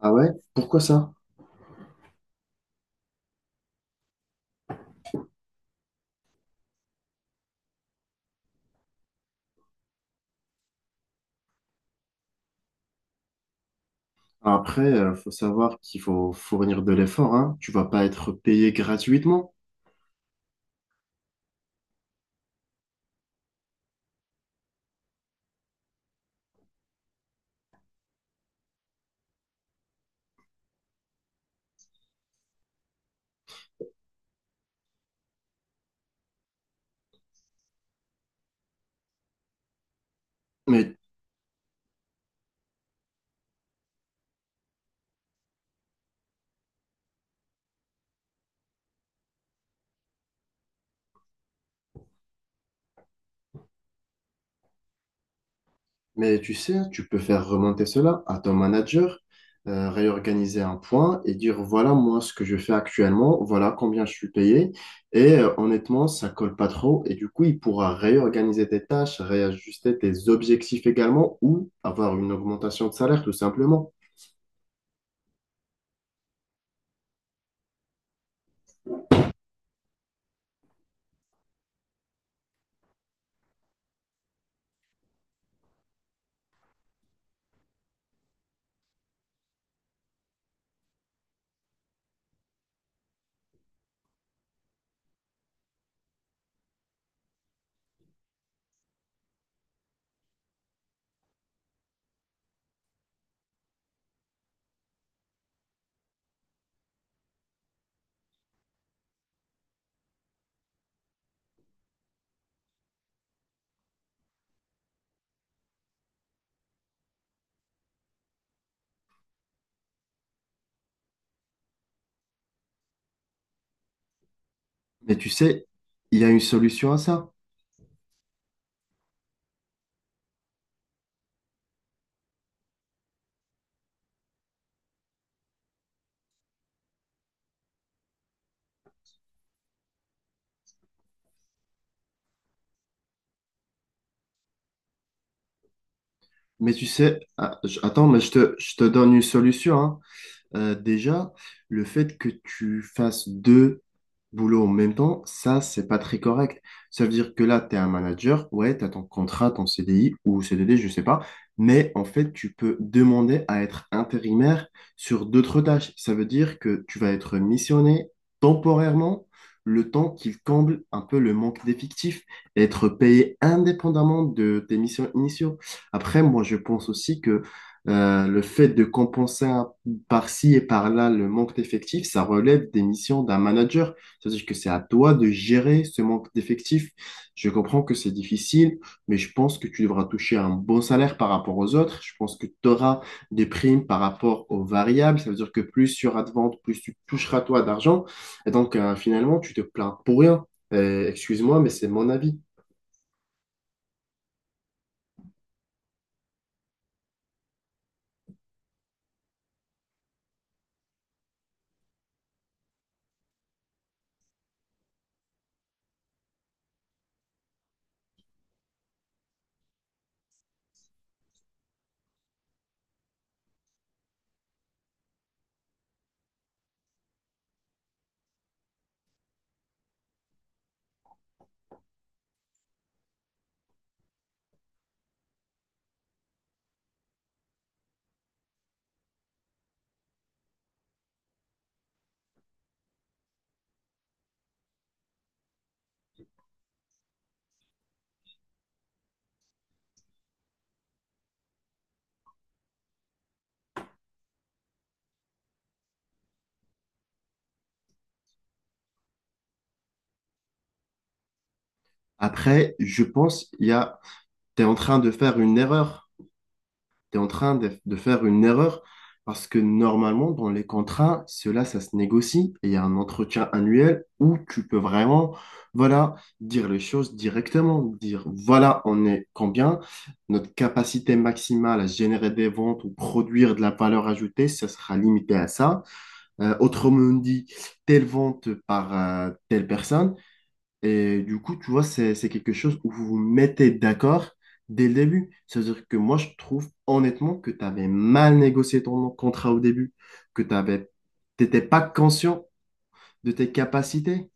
Ah ouais? Pourquoi ça? Après, faut savoir qu'il faut fournir de l'effort, hein. Tu vas pas être payé gratuitement. Mais, mais tu sais, hein, tu peux faire remonter cela à ton manager, réorganiser un point et dire, voilà moi ce que je fais actuellement, voilà combien je suis payé. Et honnêtement, ça colle pas trop. Et du coup, il pourra réorganiser tes tâches, réajuster tes objectifs également ou avoir une augmentation de salaire tout simplement. Mais tu sais, il y a une solution à ça. Mais tu sais, attends, mais je te donne une solution, hein. Déjà, le fait que tu fasses deux boulot en même temps, ça, c'est pas très correct. Ça veut dire que là, tu es un manager, ouais, tu as ton contrat, ton CDI ou CDD, je sais pas, mais en fait, tu peux demander à être intérimaire sur d'autres tâches. Ça veut dire que tu vas être missionné temporairement le temps qu'il comble un peu le manque d'effectifs, et être payé indépendamment de tes missions initiaux. Après, moi, je pense aussi que le fait de par-ci et par-là le manque d'effectifs, ça relève des missions d'un manager. C'est-à-dire que c'est à toi de gérer ce manque d'effectifs. Je comprends que c'est difficile, mais je pense que tu devras toucher un bon salaire par rapport aux autres. Je pense que tu auras des primes par rapport aux variables. Ça veut dire que plus il y aura de ventes, plus tu toucheras toi d'argent. Et donc, finalement, tu te plains pour rien. Excuse-moi, mais c'est mon avis. Après, je pense, il y a, tu es en train de faire une erreur. Tu es en train de faire une erreur parce que normalement, dans les contrats, cela, ça se négocie et il y a un entretien annuel où tu peux vraiment, voilà, dire les choses directement, dire, voilà, on est combien, notre capacité maximale à générer des ventes ou produire de la valeur ajoutée, ça sera limité à ça. Autrement dit, telle vente par telle personne et du coup, tu vois, c'est quelque chose où vous vous mettez d'accord dès le début. C'est-à-dire que moi, je trouve honnêtement que tu avais mal négocié ton contrat au début, que tu avais, t'étais pas conscient de tes capacités.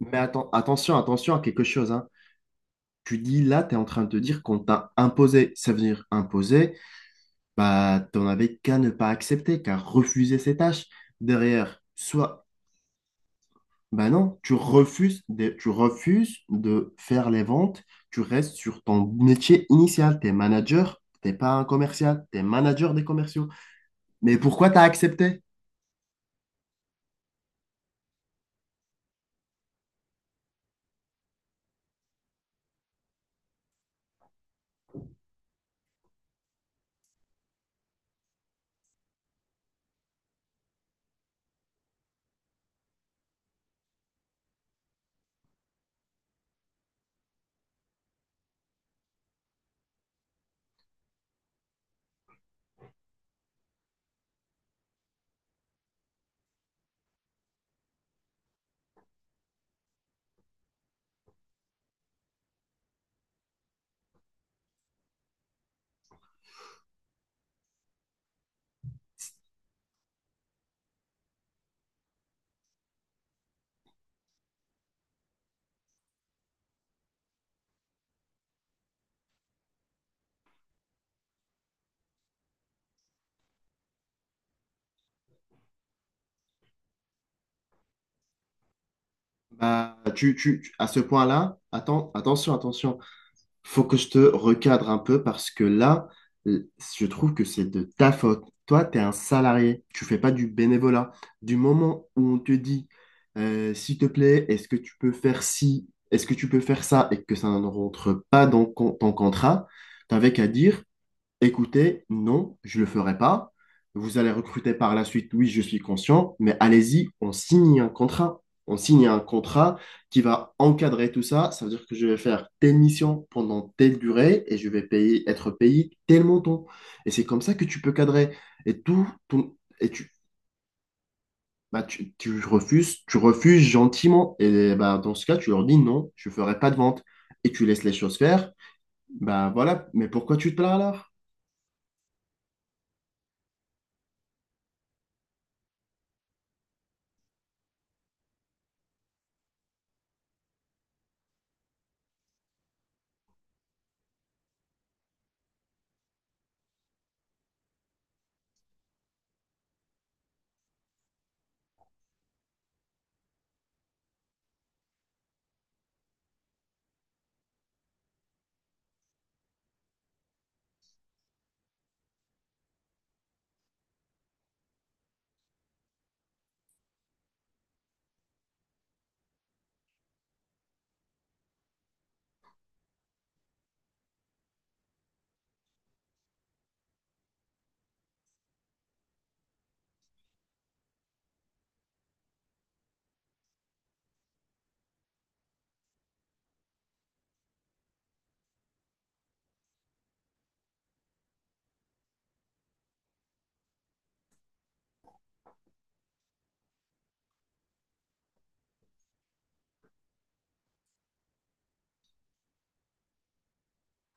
Mais attention, attention à quelque chose, hein. Tu dis là, tu es en train de te dire qu'on t'a imposé. Ça veut dire imposé, bah, t'en avais qu'à ne pas accepter, qu'à refuser ces tâches. Derrière, soit... Ben non, tu refuses de faire les ventes, tu restes sur ton métier initial, t'es manager, t'es pas un commercial, t'es manager des commerciaux. Mais pourquoi t'as accepté? À ce point-là, attends, attention, attention. Faut que je te recadre un peu parce que là, l- je trouve que c'est de ta faute. Toi, tu es un salarié, tu fais pas du bénévolat. Du moment où on te dit, s'il te plaît, est-ce que tu peux faire ci, est-ce que tu peux faire ça, et que ça ne rentre pas dans ton contrat, t'avais qu'à dire, écoutez, non, je ne le ferai pas. Vous allez recruter par la suite, oui, je suis conscient, mais allez-y, on signe un contrat. On signe un contrat qui va encadrer tout ça. Ça veut dire que je vais faire telle mission pendant telle durée et je vais payer, être payé tel montant. Et c'est comme ça que tu peux cadrer. Et tout, ton- et tu, bah, tu, tu refuses gentiment. Et bah, dans ce cas, tu leur dis non, je ne ferai pas de vente. Et tu laisses les choses faire. Bah voilà, mais pourquoi tu te plains alors?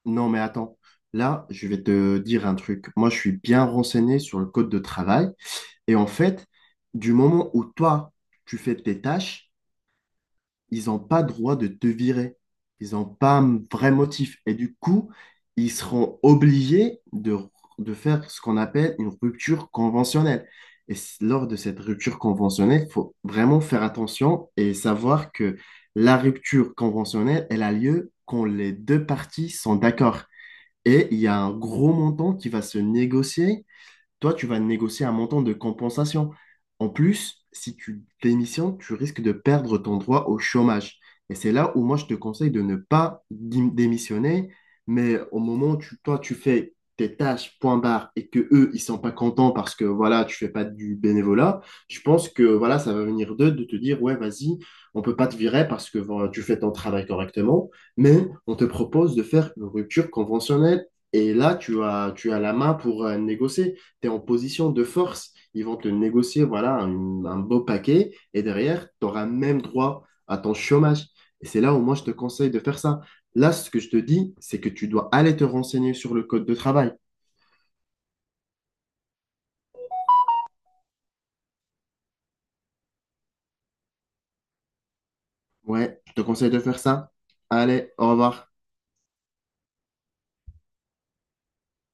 Non, mais attends. Là, je vais te dire un truc. Moi, je suis bien renseigné sur le code de travail. Et en fait, du moment où toi, tu fais tes tâches, ils n'ont pas droit de te virer. Ils n'ont pas un vrai motif. Et du coup, ils seront obligés de faire ce qu'on appelle une rupture conventionnelle. Et lors de cette rupture conventionnelle, il faut vraiment faire attention et savoir que la rupture conventionnelle, elle a lieu quand les deux parties sont d'accord. Et il y a un gros montant qui va se négocier, toi, tu vas négocier un montant de compensation. En plus, si tu démissionnes, tu risques de perdre ton droit au chômage. Et c'est là où moi, je te conseille de ne pas démissionner, mais au moment où toi, tu fais tes tâches, point barre, et que eux, ils sont pas contents parce que, voilà, tu fais pas du bénévolat, je pense que, voilà, ça va venir d'eux de te dire, ouais, vas-y, on peut pas te virer parce que voilà, tu fais ton travail correctement, mais on te propose de faire une rupture conventionnelle. Et là, tu as la main pour négocier. Tu es en position de force. Ils vont te négocier voilà, un beau paquet et derrière, tu auras même droit à ton chômage. Et c'est là où moi, je te conseille de faire ça. Là, ce que je te dis, c'est que tu dois aller te renseigner sur le code de travail. Ouais, je te conseille de faire ça. Allez, au revoir.